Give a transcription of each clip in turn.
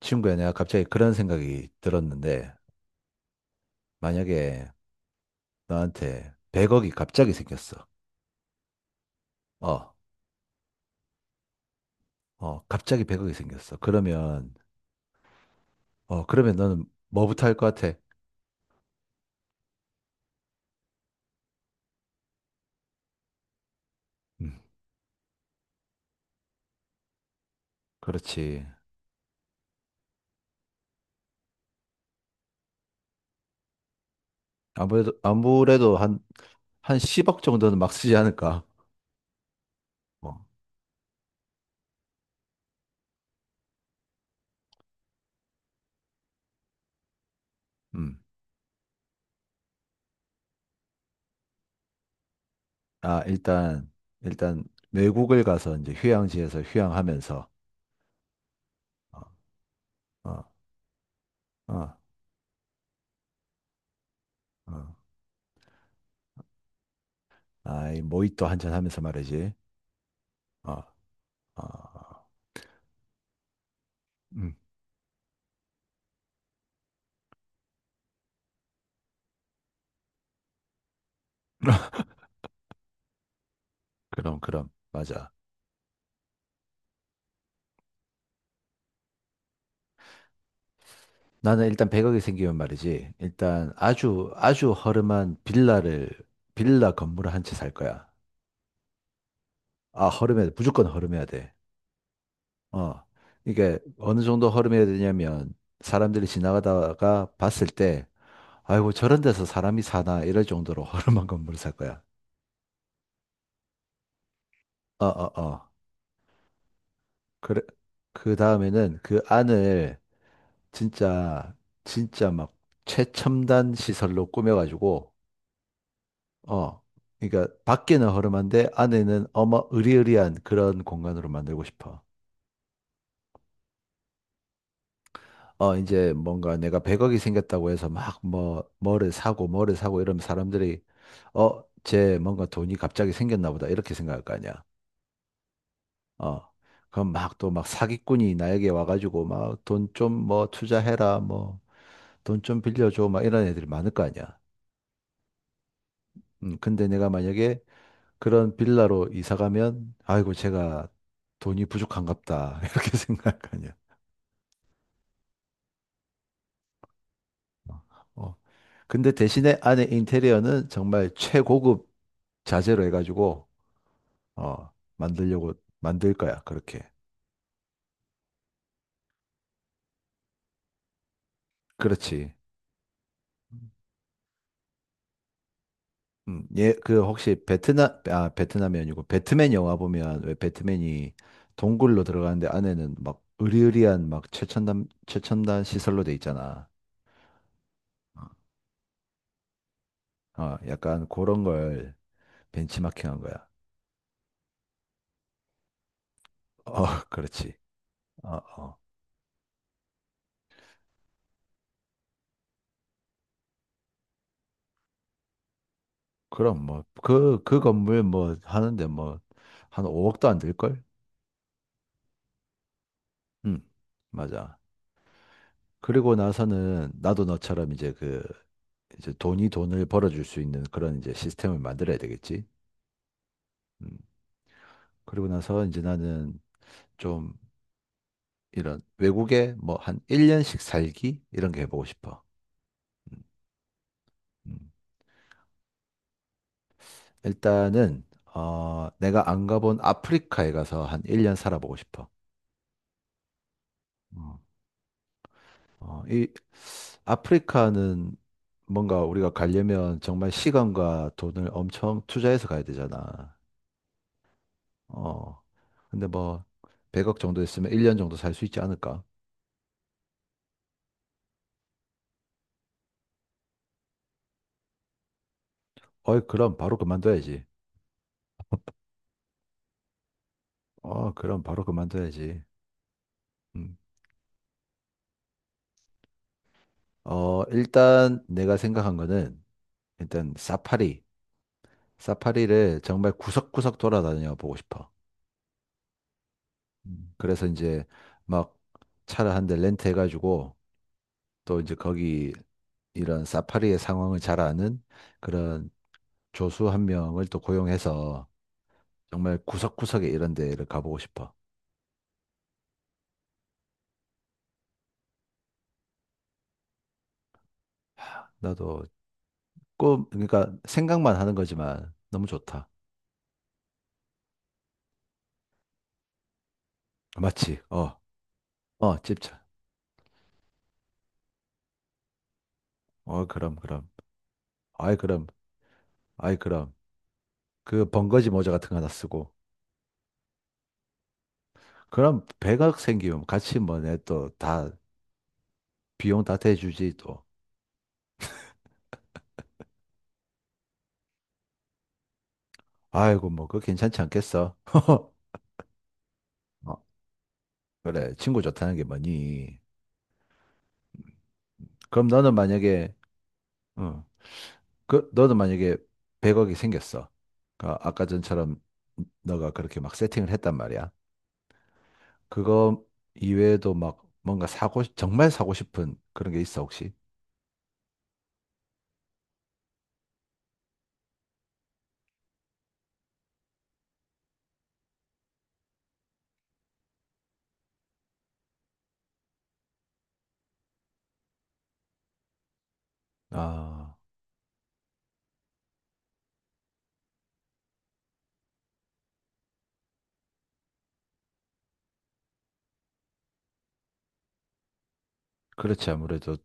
친구야, 내가 갑자기 그런 생각이 들었는데, 만약에 너한테 100억이 갑자기 생겼어. 어, 어, 갑자기 100억이 생겼어. 그러면 너는 뭐부터 할 것 같아? 음, 그렇지. 아무래도, 아무래도 한 10억 정도는 막 쓰지 않을까? 어, 음. 아, 일단, 외국을 가서 이제 휴양지에서 휴양하면서, 어, 어, 어, 어. 아이, 모히또 한잔 하면서 말이지. 어, 어, 음. 그럼, 그럼. 맞아. 나는 일단 100억이 생기면 말이지. 일단 아주, 아주 허름한 빌라를, 빌라 건물을 한 채 살 거야. 아, 허름해야 돼. 무조건 허름해야 돼. 어. 이게 어느 정도 허름해야 되냐면 사람들이 지나가다가 봤을 때, 아이고, 저런 데서 사람이 사나 이럴 정도로 허름한 건물을 살 거야. 어, 어, 어. 그래. 그 다음에는 그 안을 진짜, 진짜 막 최첨단 시설로 꾸며가지고, 어, 그러니까 밖에는 허름한데 안에는 어마 으리으리한 그런 공간으로 만들고 싶어. 어, 이제 뭔가 내가 100억이 생겼다고 해서 막 뭐를 사고 뭐를 사고 이러면 사람들이 어, 쟤 뭔가 돈이 갑자기 생겼나 보다 이렇게 생각할 거 아니야. 어, 그럼 막 또 막 사기꾼이 나에게 와가지고 막 돈 좀 뭐 투자해라 뭐 돈 좀 빌려줘 막 이런 애들이 많을 거 아니야. 근데 내가 만약에 그런 빌라로 이사 가면, 아이고, 제가 돈이 부족한갑다. 이렇게 생각하냐. 어. 어. 근데 대신에 안에 인테리어는 정말 최고급 자재로 해가지고, 어, 만들 거야. 그렇게. 그렇지. 예, 그 혹시 베트남, 아, 베트남이 아니고 배트맨 영화 보면 왜 배트맨이 동굴로 들어가는데 안에는 막 으리으리한 막 최첨단, 최첨단 시설로 돼 있잖아. 어, 약간 그런 걸 벤치마킹한 거야. 어, 그렇지. 어, 어. 그럼 뭐, 그 건물 뭐 하는데 뭐, 한 5억도 안 들걸? 응, 맞아. 그리고 나서는 나도 너처럼 이제 이제 돈이 돈을 벌어줄 수 있는 그런 이제 시스템을 만들어야 되겠지. 음. 그리고 나서 이제 나는 좀 이런 외국에 뭐 한 1년씩 살기? 이런 게 해보고 싶어. 음, 음. 일단은, 어, 내가 안 가본 아프리카에 가서 한 1년 살아보고 싶어. 어, 어, 아프리카는 뭔가 우리가 가려면 정말 시간과 돈을 엄청 투자해서 가야 되잖아. 어. 근데 뭐 100억 정도 있으면 1년 정도 살 수 있지 않을까? 어이, 그럼 바로 그만둬야지. 어, 그럼 바로 그만둬야지. 음. 어, 일단 내가 생각한 거는 일단 사파리. 사파리를 정말 구석구석 돌아다녀 보고 싶어. 음. 그래서 이제 막 차를 한 대 렌트해가지고 또 이제 거기 이런 사파리의 상황을 잘 아는 그런 조수 한 명을 또 고용해서 정말 구석구석에 이런 데를 가보고 싶어. 나도 그러니까 생각만 하는 거지만 너무 좋다. 맞지? 어, 어, 집차. 어, 그럼, 그럼. 아이, 그럼. 아이, 그럼. 그 번거지 모자 같은 거 하나 쓰고. 그럼 100억 생기면 같이 뭐 내 또 다 비용 다 대주지 또. 아이고, 뭐, 그거 괜찮지 않겠어? 어, 그래, 친구 좋다는 게 뭐니? 그럼 너는 만약에, 어, 그, 너는 만약에 100억이 생겼어. 그러니까 아까 전처럼 너가 그렇게 막 세팅을 했단 말이야. 그거 이외에도 막 뭔가 사고, 정말 사고 싶은 그런 게 있어, 혹시? 아, 그렇지, 아무래도.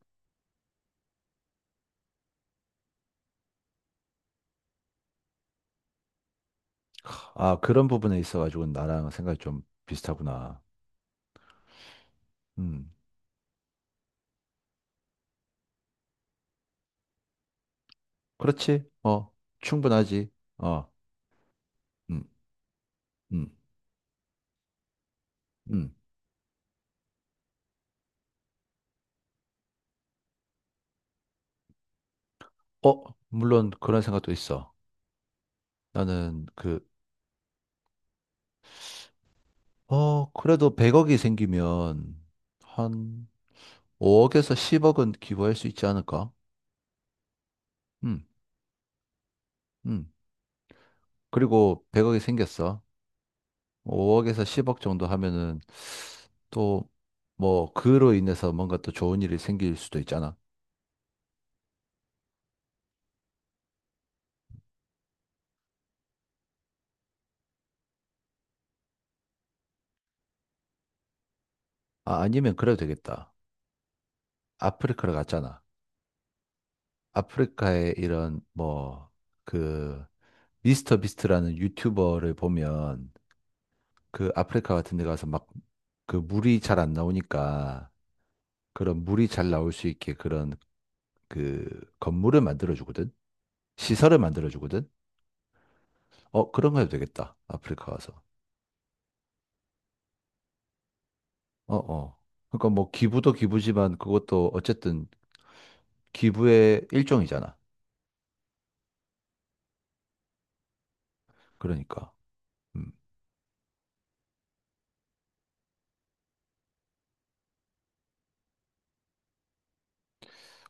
아, 그런 부분에 있어가지고 나랑 생각이 좀 비슷하구나. 음, 그렇지. 어, 충분하지. 어, 음, 음, 음. 어, 물론 그런 생각도 있어. 나는 그래도 100억이 생기면 한 5억에서 10억은 기부할 수 있지 않을까? 음, 음. 그리고 100억이 생겼어. 5억에서 10억 정도 하면은 또 뭐 그로 인해서 뭔가 또 좋은 일이 생길 수도 있잖아. 아, 아니면 그래도 되겠다. 아프리카를 갔잖아. 아프리카에 이런 뭐 그 미스터 비스트라는 유튜버를 보면 그 아프리카 같은 데 가서 막 그 물이 잘 안 나오니까 그런 물이 잘 나올 수 있게 그런 그 건물을 만들어 주거든. 시설을 만들어 주거든. 어, 그런 거 해도 되겠다. 아프리카 와서. 어, 어. 그러니까 뭐 기부도 기부지만 그것도 어쨌든 기부의 일종이잖아. 그러니까. 음.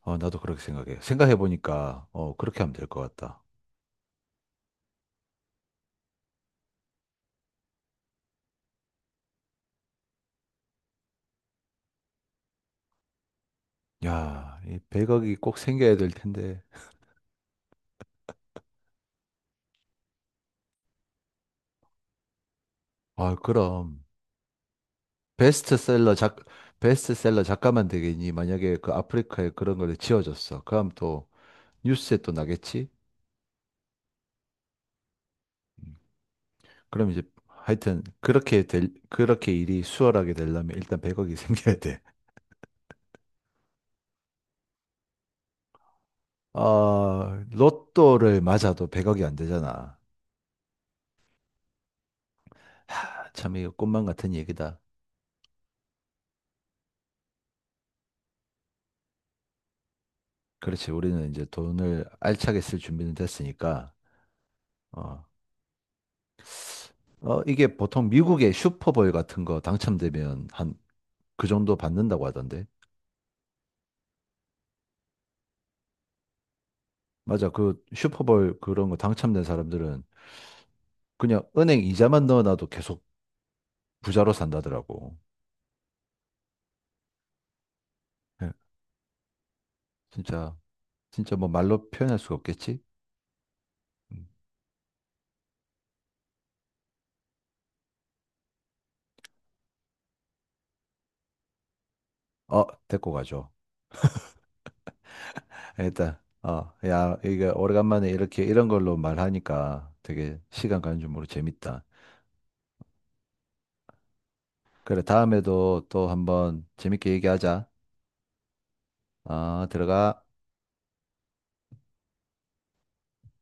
어, 나도 그렇게 생각해. 생각해 보니까 어, 그렇게 하면 될 것 같다. 야, 이 100억이 꼭 생겨야 될 텐데. 아, 그럼 베스트셀러 작 베스트셀러 작가만 되겠니? 만약에 그 아프리카에 그런 걸 지어줬어. 그럼 또 뉴스에 또 나겠지? 음. 그럼 이제 하여튼 그렇게 일이 수월하게 되려면 일단 100억이 생겨야 돼. 어, 로또를 맞아도 100억이 안 되잖아. 하, 참 이거 꿈만 같은 얘기다. 그렇지. 우리는 이제 돈을 알차게 쓸 준비는 됐으니까. 어, 어 이게 보통 미국의 슈퍼볼 같은 거 당첨되면 한 그 정도 받는다고 하던데. 맞아. 그 슈퍼볼 그런 거 당첨된 사람들은 그냥 은행 이자만 넣어놔도 계속 부자로 산다더라고. 예, 진짜 진짜 뭐 말로 표현할 수가 없겠지? 음. 어, 데리고 가죠. 일단, 어, 야, 이게 오래간만에 이렇게 이런 걸로 말하니까 되게 시간 가는 줄 모르고 재밌다. 그래, 다음에도 또 한번 재밌게 얘기하자. 아, 들어가.